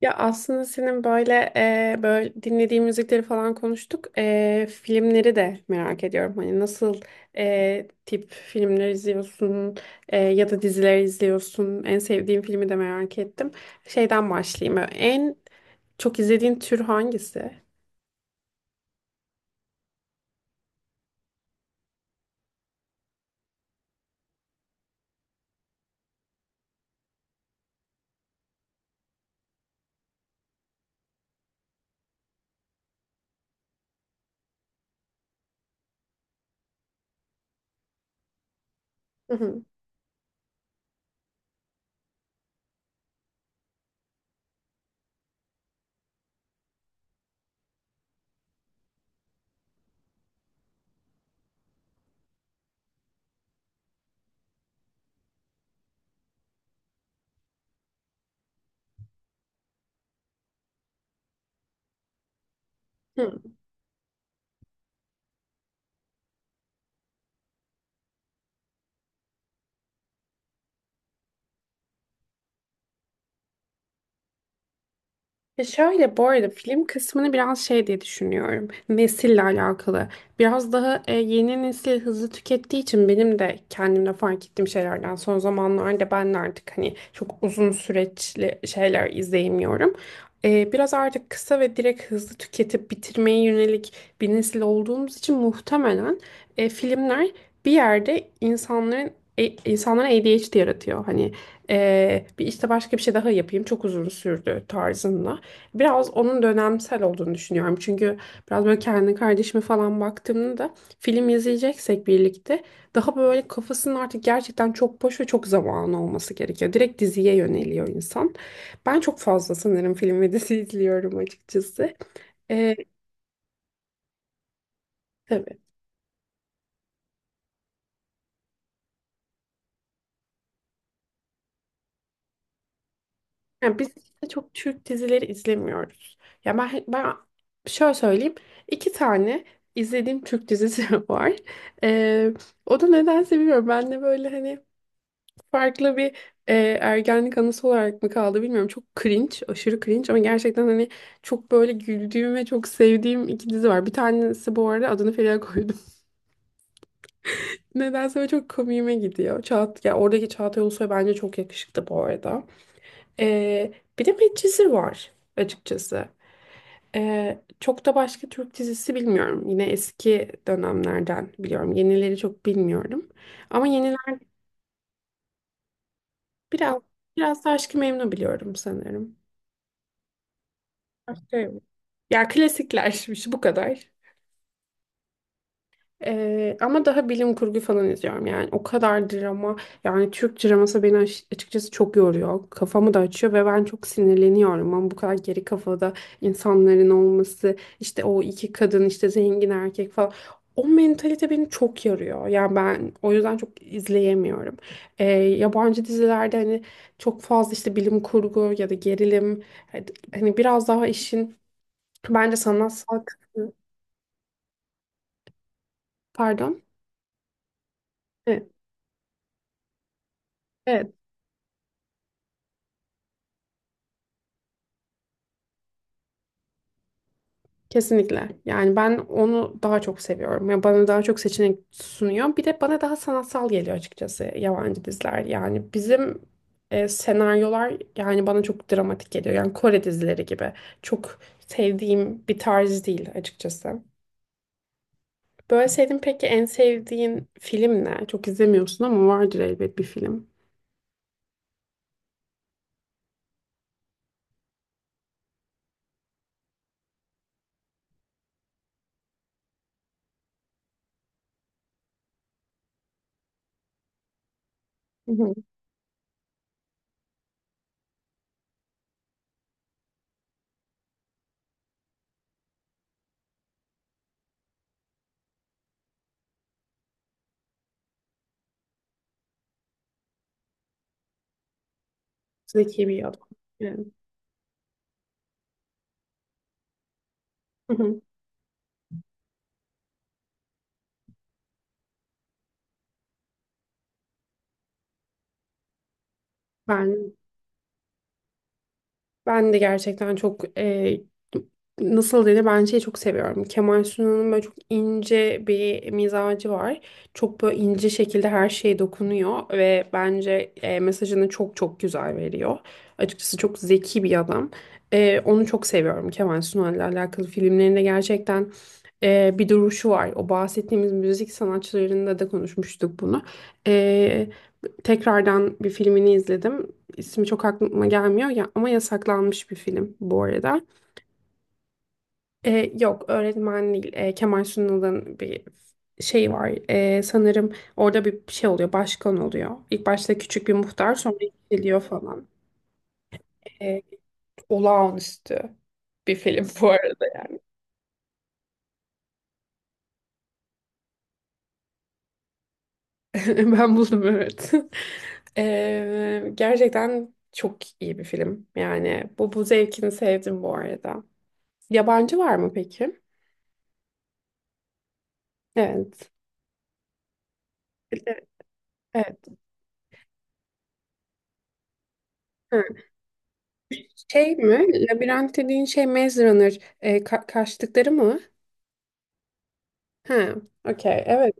Ya aslında senin böyle böyle dinlediğin müzikleri falan konuştuk. Filmleri de merak ediyorum. Hani nasıl tip filmler izliyorsun, ya da diziler izliyorsun. En sevdiğin filmi de merak ettim. Şeyden başlayayım. En çok izlediğin tür hangisi? Hı hı. Ya şöyle bu arada film kısmını biraz şey diye düşünüyorum. Nesille alakalı. Biraz daha yeni nesil hızlı tükettiği için benim de kendimde fark ettiğim şeylerden son zamanlarda ben de artık hani çok uzun süreçli şeyler izleyemiyorum. Biraz artık kısa ve direkt hızlı tüketip bitirmeye yönelik bir nesil olduğumuz için muhtemelen filmler bir yerde insanların e, insanlara ADHD yaratıyor. Hani bir işte başka bir şey daha yapayım çok uzun sürdü tarzında. Biraz onun dönemsel olduğunu düşünüyorum. Çünkü biraz böyle kendi kardeşime falan baktığımda da film izleyeceksek birlikte daha böyle kafasının artık gerçekten çok boş ve çok zamanı olması gerekiyor. Direkt diziye yöneliyor insan. Ben çok fazla sanırım film ve dizi izliyorum açıkçası. Ee, tabii. Yani biz de çok Türk dizileri izlemiyoruz. Ya ben şöyle söyleyeyim. İki tane izlediğim Türk dizisi var. Ee, O da nedense bilmiyorum. Ben de böyle hani farklı bir e, ergenlik anısı olarak mı kaldı bilmiyorum. Çok cringe, aşırı cringe ama gerçekten hani çok böyle güldüğüm ve çok sevdiğim iki dizi var. Bir tanesi bu arada adını Feriha koydum. Nedense böyle çok komiğime gidiyor. Ya oradaki Çağatay Ulusoy bence çok yakışıklı bu arada. E, Bir de Medcezir var açıkçası. Çok da başka Türk dizisi bilmiyorum. Yine eski dönemlerden biliyorum. Yenileri çok bilmiyorum. Ama yeniler biraz biraz da Aşk-ı Memnu biliyorum sanırım. Ya klasiklermiş bu kadar. Ama daha bilim kurgu falan izliyorum yani. O kadar drama. Yani Türk draması beni açıkçası çok yoruyor. Kafamı da açıyor ve ben çok sinirleniyorum. Ama bu kadar geri kafada insanların olması, işte o iki kadın, işte zengin erkek falan. O mentalite beni çok yarıyor. Yani ben o yüzden çok izleyemiyorum. Yabancı dizilerde hani çok fazla işte bilim kurgu ya da gerilim. Hani hani biraz daha işin bence sanatsal kısmı. Pardon. Evet, evet, kesinlikle. Yani ben onu daha çok seviyorum. Yani bana daha çok seçenek sunuyor. Bir de bana daha sanatsal geliyor açıkçası yabancı diziler. Yani bizim senaryolar yani bana çok dramatik geliyor. Yani Kore dizileri gibi. Çok sevdiğim bir tarz değil açıkçası. Böyle sevdiğin peki en sevdiğin film ne? Çok izlemiyorsun ama vardır elbet bir film. Hı hı. Zeki bir adam. Yani. Hı hı. Ben Ben de gerçekten çok nasıl denir ben şeyi çok seviyorum. Kemal Sunal'ın böyle çok ince bir mizacı var. Çok böyle ince şekilde her şeye dokunuyor ve bence mesajını çok çok güzel veriyor. Açıkçası çok zeki bir adam. Onu çok seviyorum Kemal Sunal'la alakalı filmlerinde gerçekten bir duruşu var. O bahsettiğimiz müzik sanatçılarında da konuşmuştuk bunu. E, Tekrardan bir filmini izledim. İsmi çok aklıma gelmiyor ya ama yasaklanmış bir film bu arada. Yok öğretmen değil. Kemal Sunal'ın bir şey var. Sanırım orada bir şey oluyor. Başkan oluyor. İlk başta küçük bir muhtar sonra yükseliyor falan. Ee, Olağanüstü bir film bu arada yani. Ben buldum evet. Gerçekten çok iyi bir film. Yani bu zevkini sevdim bu arada. Yabancı var mı peki? Evet. Evet, evet. Ha, şey mi? Labirent dediğin şey Maze Runner. E, kaçtıkları mı? Ha, okey. Evet.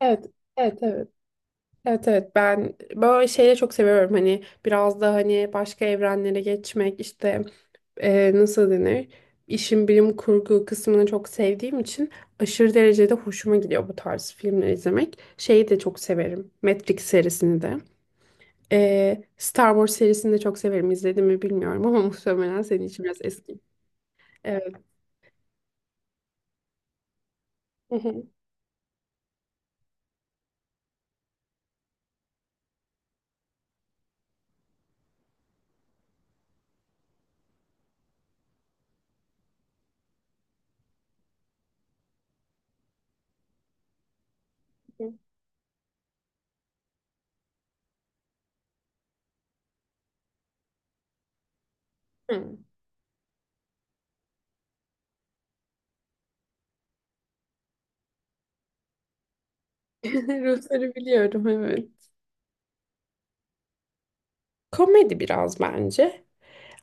Evet, evet. Evet, evet. evet. Ben böyle şeyleri çok seviyorum. Hani biraz da hani başka evrenlere geçmek işte nasıl denir? İşin bilim kurgu kısmını çok sevdiğim için aşırı derecede hoşuma gidiyor bu tarz filmler izlemek. Şeyi de çok severim. Matrix serisini de. E, Star Wars serisini de çok severim. İzledim mi bilmiyorum ama muhtemelen senin için biraz eski. Evet. Hı hı. Rusları biliyorum evet. Komedi biraz bence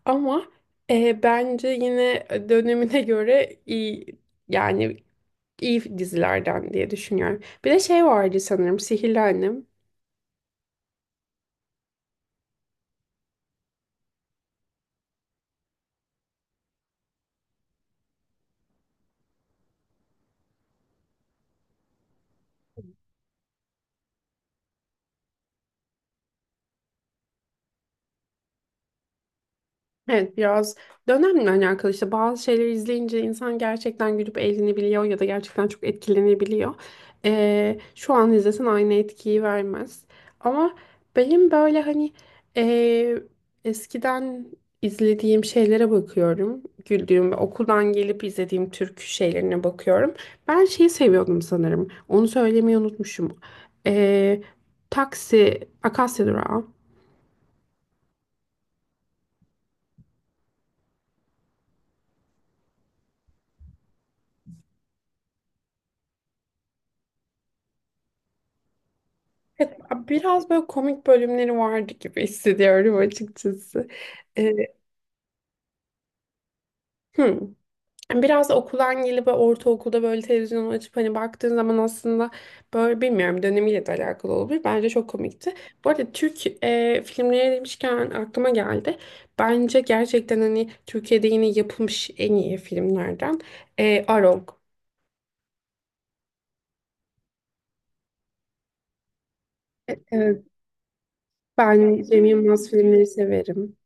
ama bence yine dönemine göre iyi yani iyi dizilerden diye düşünüyorum. Bir de şey vardı sanırım Sihirli Annem. Evet biraz dönemle alakalı işte bazı şeyleri izleyince insan gerçekten gülüp eğlenebiliyor ya da gerçekten çok etkilenebiliyor. Şu an izlesen aynı etkiyi vermez. Ama benim böyle hani ee, eskiden izlediğim şeylere bakıyorum. Güldüğüm ve okuldan gelip izlediğim türkü şeylerine bakıyorum. Ben şeyi seviyordum sanırım. Onu söylemeyi unutmuşum. Ee, Taksi, Akasya Durağı. Biraz böyle komik bölümleri vardı gibi hissediyorum açıkçası. Ee, hı. Biraz da okuldan gelip böyle ortaokulda böyle televizyonu açıp hani baktığın zaman aslında böyle bilmiyorum dönemiyle de alakalı olabilir. Bence çok komikti. Bu arada Türk filmleri demişken aklıma geldi. Bence gerçekten hani Türkiye'de yine yapılmış en iyi filmlerden Arog. E, e, ben Cem Yılmaz filmleri severim.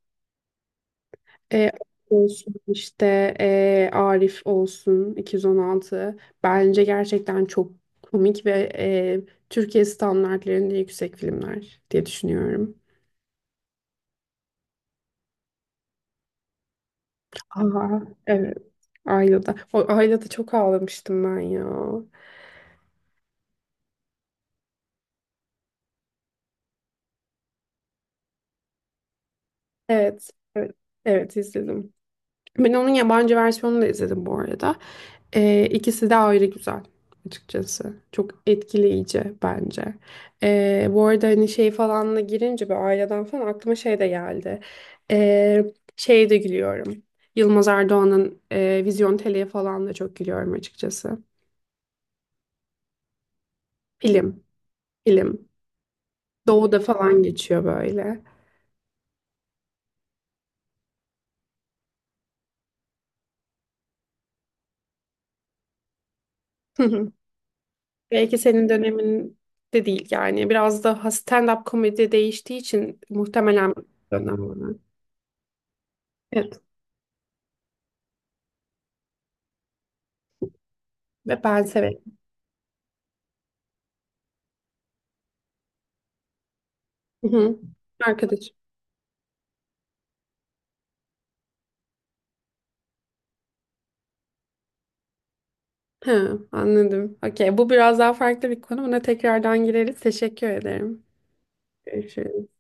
E, Olsun işte Arif olsun 216 bence gerçekten çok komik ve Türkiye standartlarında yüksek filmler diye düşünüyorum. Aa, evet. Ayla'da. O Ayla'da çok ağlamıştım ben ya. Evet. Evet, evet izledim. Ben onun yabancı versiyonunu da izledim bu arada. İkisi de ayrı güzel açıkçası. Çok etkileyici bence. Bu arada hani şey falanla girince bir aileden falan aklıma şey de geldi. Ee, Şeye de gülüyorum. Yılmaz Erdoğan'ın Vizyon Tele'ye falan da çok gülüyorum açıkçası. Film, film. Doğu'da falan geçiyor böyle. Hı hı. Belki senin dönemin de değil yani. Biraz da stand-up komedi değiştiği için muhtemelen dönem. Evet ve ben severim. Hı hı. Arkadaşım. He, anladım. Okey, bu biraz daha farklı bir konu. Buna tekrardan gireriz. Teşekkür ederim. Görüşürüz.